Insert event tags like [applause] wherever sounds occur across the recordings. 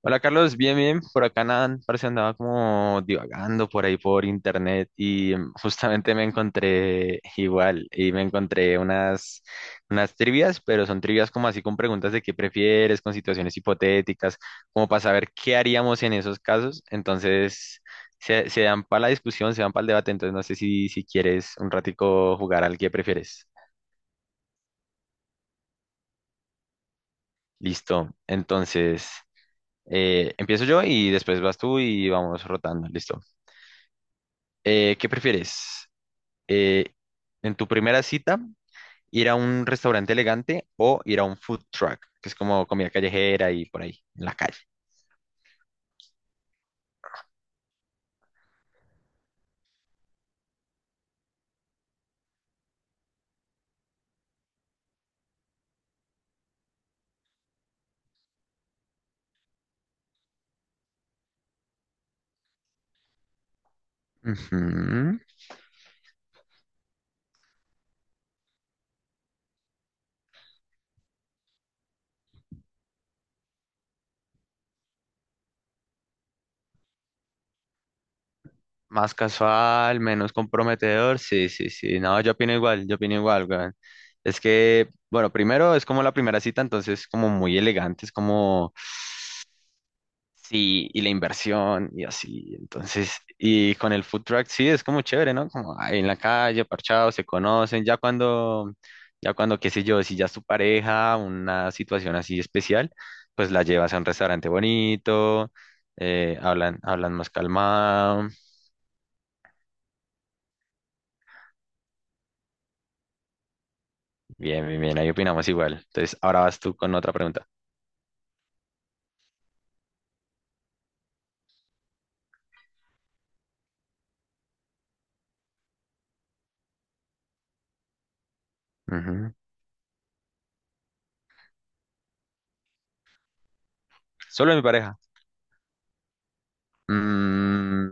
Hola, Carlos, bien, bien. Por acá nada, parece andaba como divagando por ahí por internet y justamente me encontré igual y me encontré unas trivias, pero son trivias como así con preguntas de qué prefieres, con situaciones hipotéticas, como para saber qué haríamos en esos casos. Entonces se dan para la discusión, se dan para el debate. Entonces no sé si quieres un ratico jugar al que prefieres. Listo. Entonces empiezo yo y después vas tú y vamos rotando. Listo. ¿Qué prefieres? Eh, en tu primera cita, ir a un restaurante elegante o ir a un food truck, que es como comida callejera y por ahí, en la calle. Ujú. Más casual, menos comprometedor, sí, sí, sí. No, yo opino igual, weón. Es que, bueno, primero es como la primera cita, entonces como muy elegante, es como. Sí, y la inversión y así. Entonces, y con el food truck sí es como chévere, ¿no? Como ahí en la calle, parchados, se conocen. Ya cuando, qué sé yo, si ya es tu pareja, una situación así especial, pues la llevas a un restaurante bonito, hablan más calmado. Bien, bien, bien, ahí opinamos igual. Entonces, ahora vas tú con otra pregunta. Ujú. Solo de mi pareja. Mm.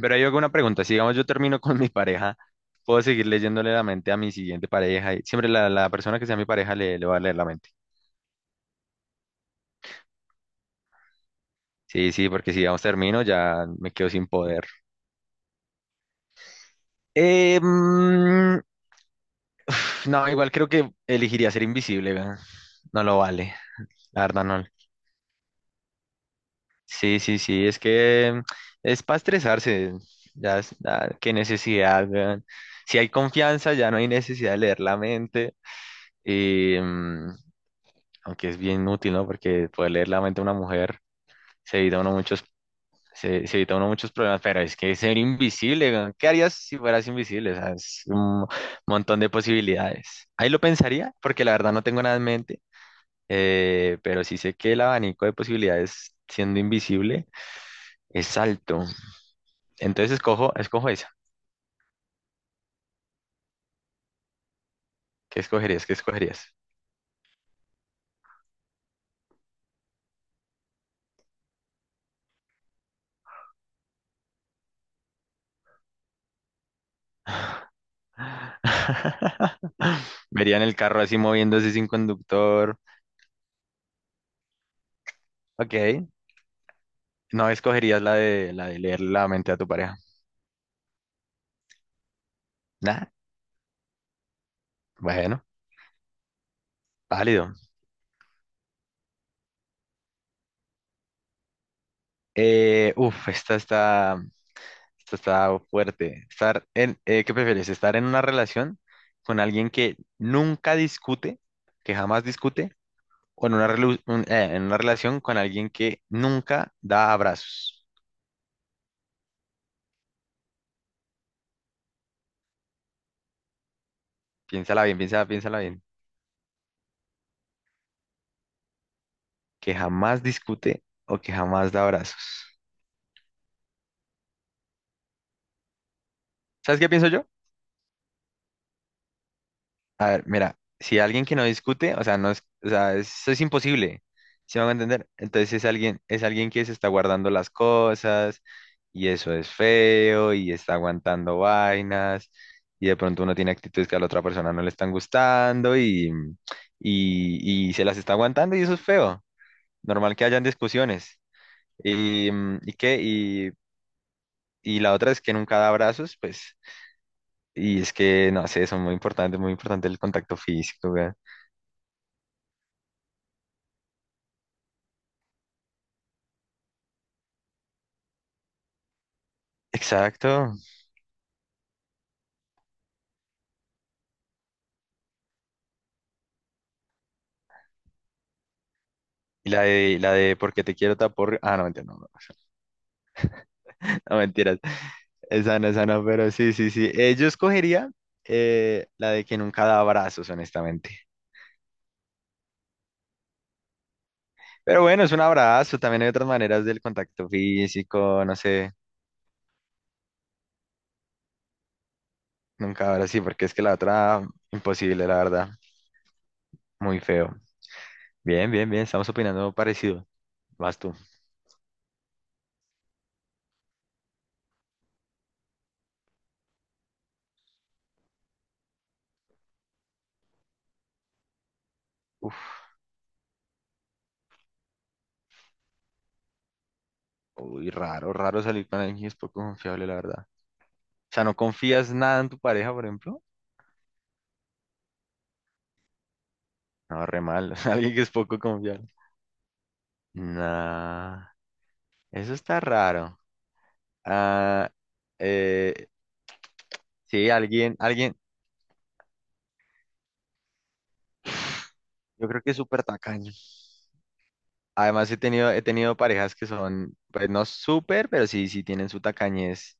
Pero hay alguna pregunta. Si digamos yo termino con mi pareja, ¿puedo seguir leyéndole la mente a mi siguiente pareja? Y siempre la persona que sea mi pareja le va a leer la mente. Sí, sí, porque si digamos termino ya me quedo sin poder. Eh, mm, no, igual creo que elegiría ser invisible, weón. No lo vale. La verdad no. Sí, sí, sí. Es que es para estresarse. Ya, qué necesidad, weón. Si hay confianza, ya no hay necesidad de leer la mente. Em, aunque es bien útil, ¿no? Porque poder leer la mente de una mujer se evita uno muchos, se evita uno muchos problemas, pero es que ser invisible, weón, ¿qué harías si fueras invisible? O sea, es un montón de posibilidades. Ahí lo pensaría, porque la verdad no tengo nada en mente, pero sí sé que el abanico de posibilidades siendo invisible es alto. Entonces escojo esa. ¿Qué escogerías? ¿Qué escogerías? [laughs] Verían el carro así moviéndose sin conductor. Ok. No escogerías la de leer la mente a tu pareja. Nah, bueno, válido. Uf, esta está fuerte. ¿Qué prefieres? ¿Estar en una relación con alguien que nunca discute, que jamás discute, o en una relación con alguien que nunca da abrazos? Piénsala bien, piénsala, piénsala bien. Que jamás discute o que jamás da abrazos. ¿Sabes qué pienso yo? A ver, mira, si alguien que no discute, o sea, no es, o sea, eso es imposible, ¿sí me van a entender? Entonces es alguien que se está guardando las cosas y eso es feo y está aguantando vainas y de pronto uno tiene actitudes que a la otra persona no le están gustando y se las está aguantando y eso es feo. Normal que hayan discusiones. ¿Y qué? Y la otra es que nunca da abrazos, pues, y es que, no sé, eso es muy importante el contacto físico. Exacto. Y la de porque te quiero tapor. Ah, no, mentira, no, no. [laughs] No, mentiras. Esa no, pero sí, sí, sí. Yo escogería la de que nunca da abrazos, honestamente. Pero bueno, es un abrazo. También hay otras maneras del contacto físico, no sé. Nunca ahora sí, porque es que la otra, imposible, la verdad. Muy feo. Bien, bien, bien. Estamos opinando parecido. Vas tú. Uf, uy, raro, raro salir con alguien que es poco confiable, la verdad. O sea, ¿no confías nada en tu pareja, por ejemplo? No, re mal. [laughs] Alguien que es poco confiable. Nah, eso está raro. Ah, eh, sí, alguien, yo creo que es súper tacaño. Además, he tenido parejas que son, pues no súper, pero sí tienen su tacañez.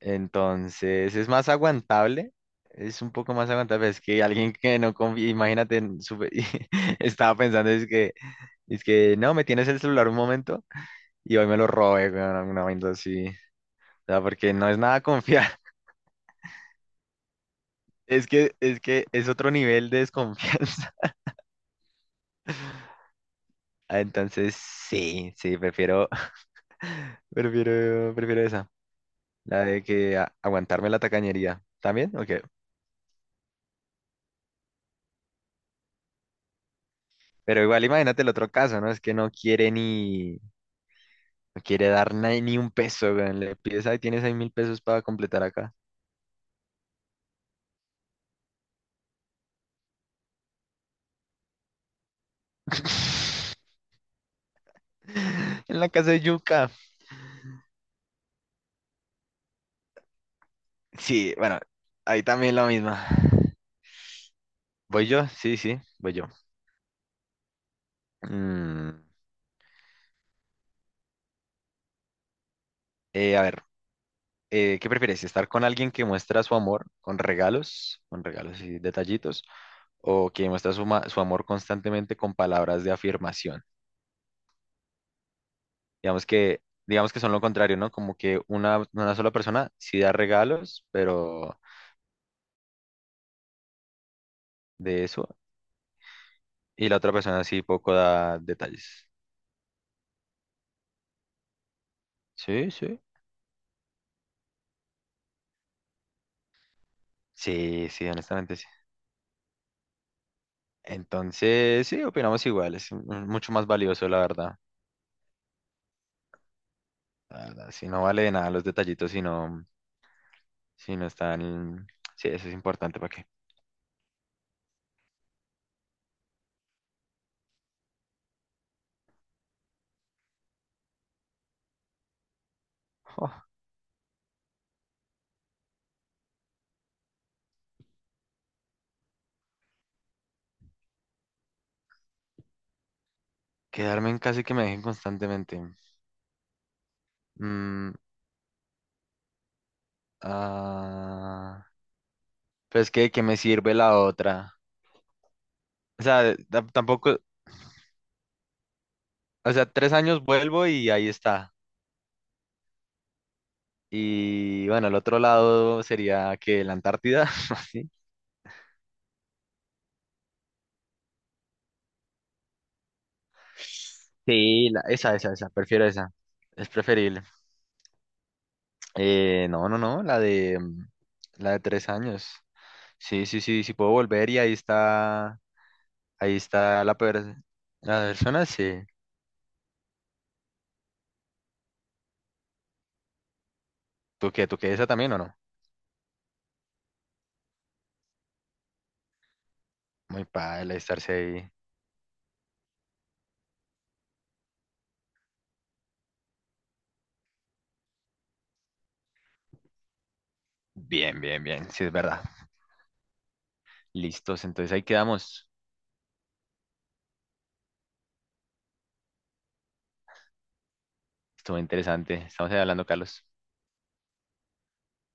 Entonces, es más aguantable, es un poco más aguantable. Es que alguien que no confía, imagínate, [laughs] y estaba pensando, no, me tienes el celular un momento y hoy me lo robé, una vaina así. O sea, porque no es nada confiable. Es que es otro nivel de desconfianza. [laughs] Ah, entonces, sí, sí, [laughs] prefiero esa. La de que aguantarme la tacañería. ¿También? Ok. Pero igual imagínate el otro caso, ¿no? Es que no quiere dar ni un peso, weón. Le pides, ahí tienes ahí 1.000 pesos para completar acá. [laughs] En la casa de Yuka. Sí, bueno, ahí también la misma. ¿Voy yo? Sí, sí, voy yo. Mm, a ver. ¿Qué prefieres? ¿Estar con alguien que muestra su amor con regalos y detallitos, o que muestra su amor constantemente con palabras de afirmación? Digamos que, digamos que son lo contrario, ¿no? Como que una sola persona sí da regalos, pero de eso, y la otra persona sí poco da detalles. Sí, sí. Sí, sí, honestamente sí. Entonces, sí, opinamos igual, es mucho más valioso, la verdad. La verdad, si no vale de nada los detallitos, si no están. Sí, eso es importante para qué. Jo, quedarme en casa y que me dejen constantemente. Mm, ah, pero es que, ¿de qué me sirve la otra? O sea, tampoco, o sea, 3 años vuelvo y ahí está. Y bueno, el otro lado sería que la Antártida, [laughs] así. Sí, esa, esa, esa, prefiero esa. Es preferible. No, no, no, la de 3 años. Sí, sí, sí, sí puedo volver y ahí está la persona, sí. ¿Tú qué, esa también o no? Muy padre estarse ahí. Bien, bien, bien. Sí, es verdad. Listos. Entonces ahí quedamos. Estuvo interesante. Estamos ahí hablando, Carlos.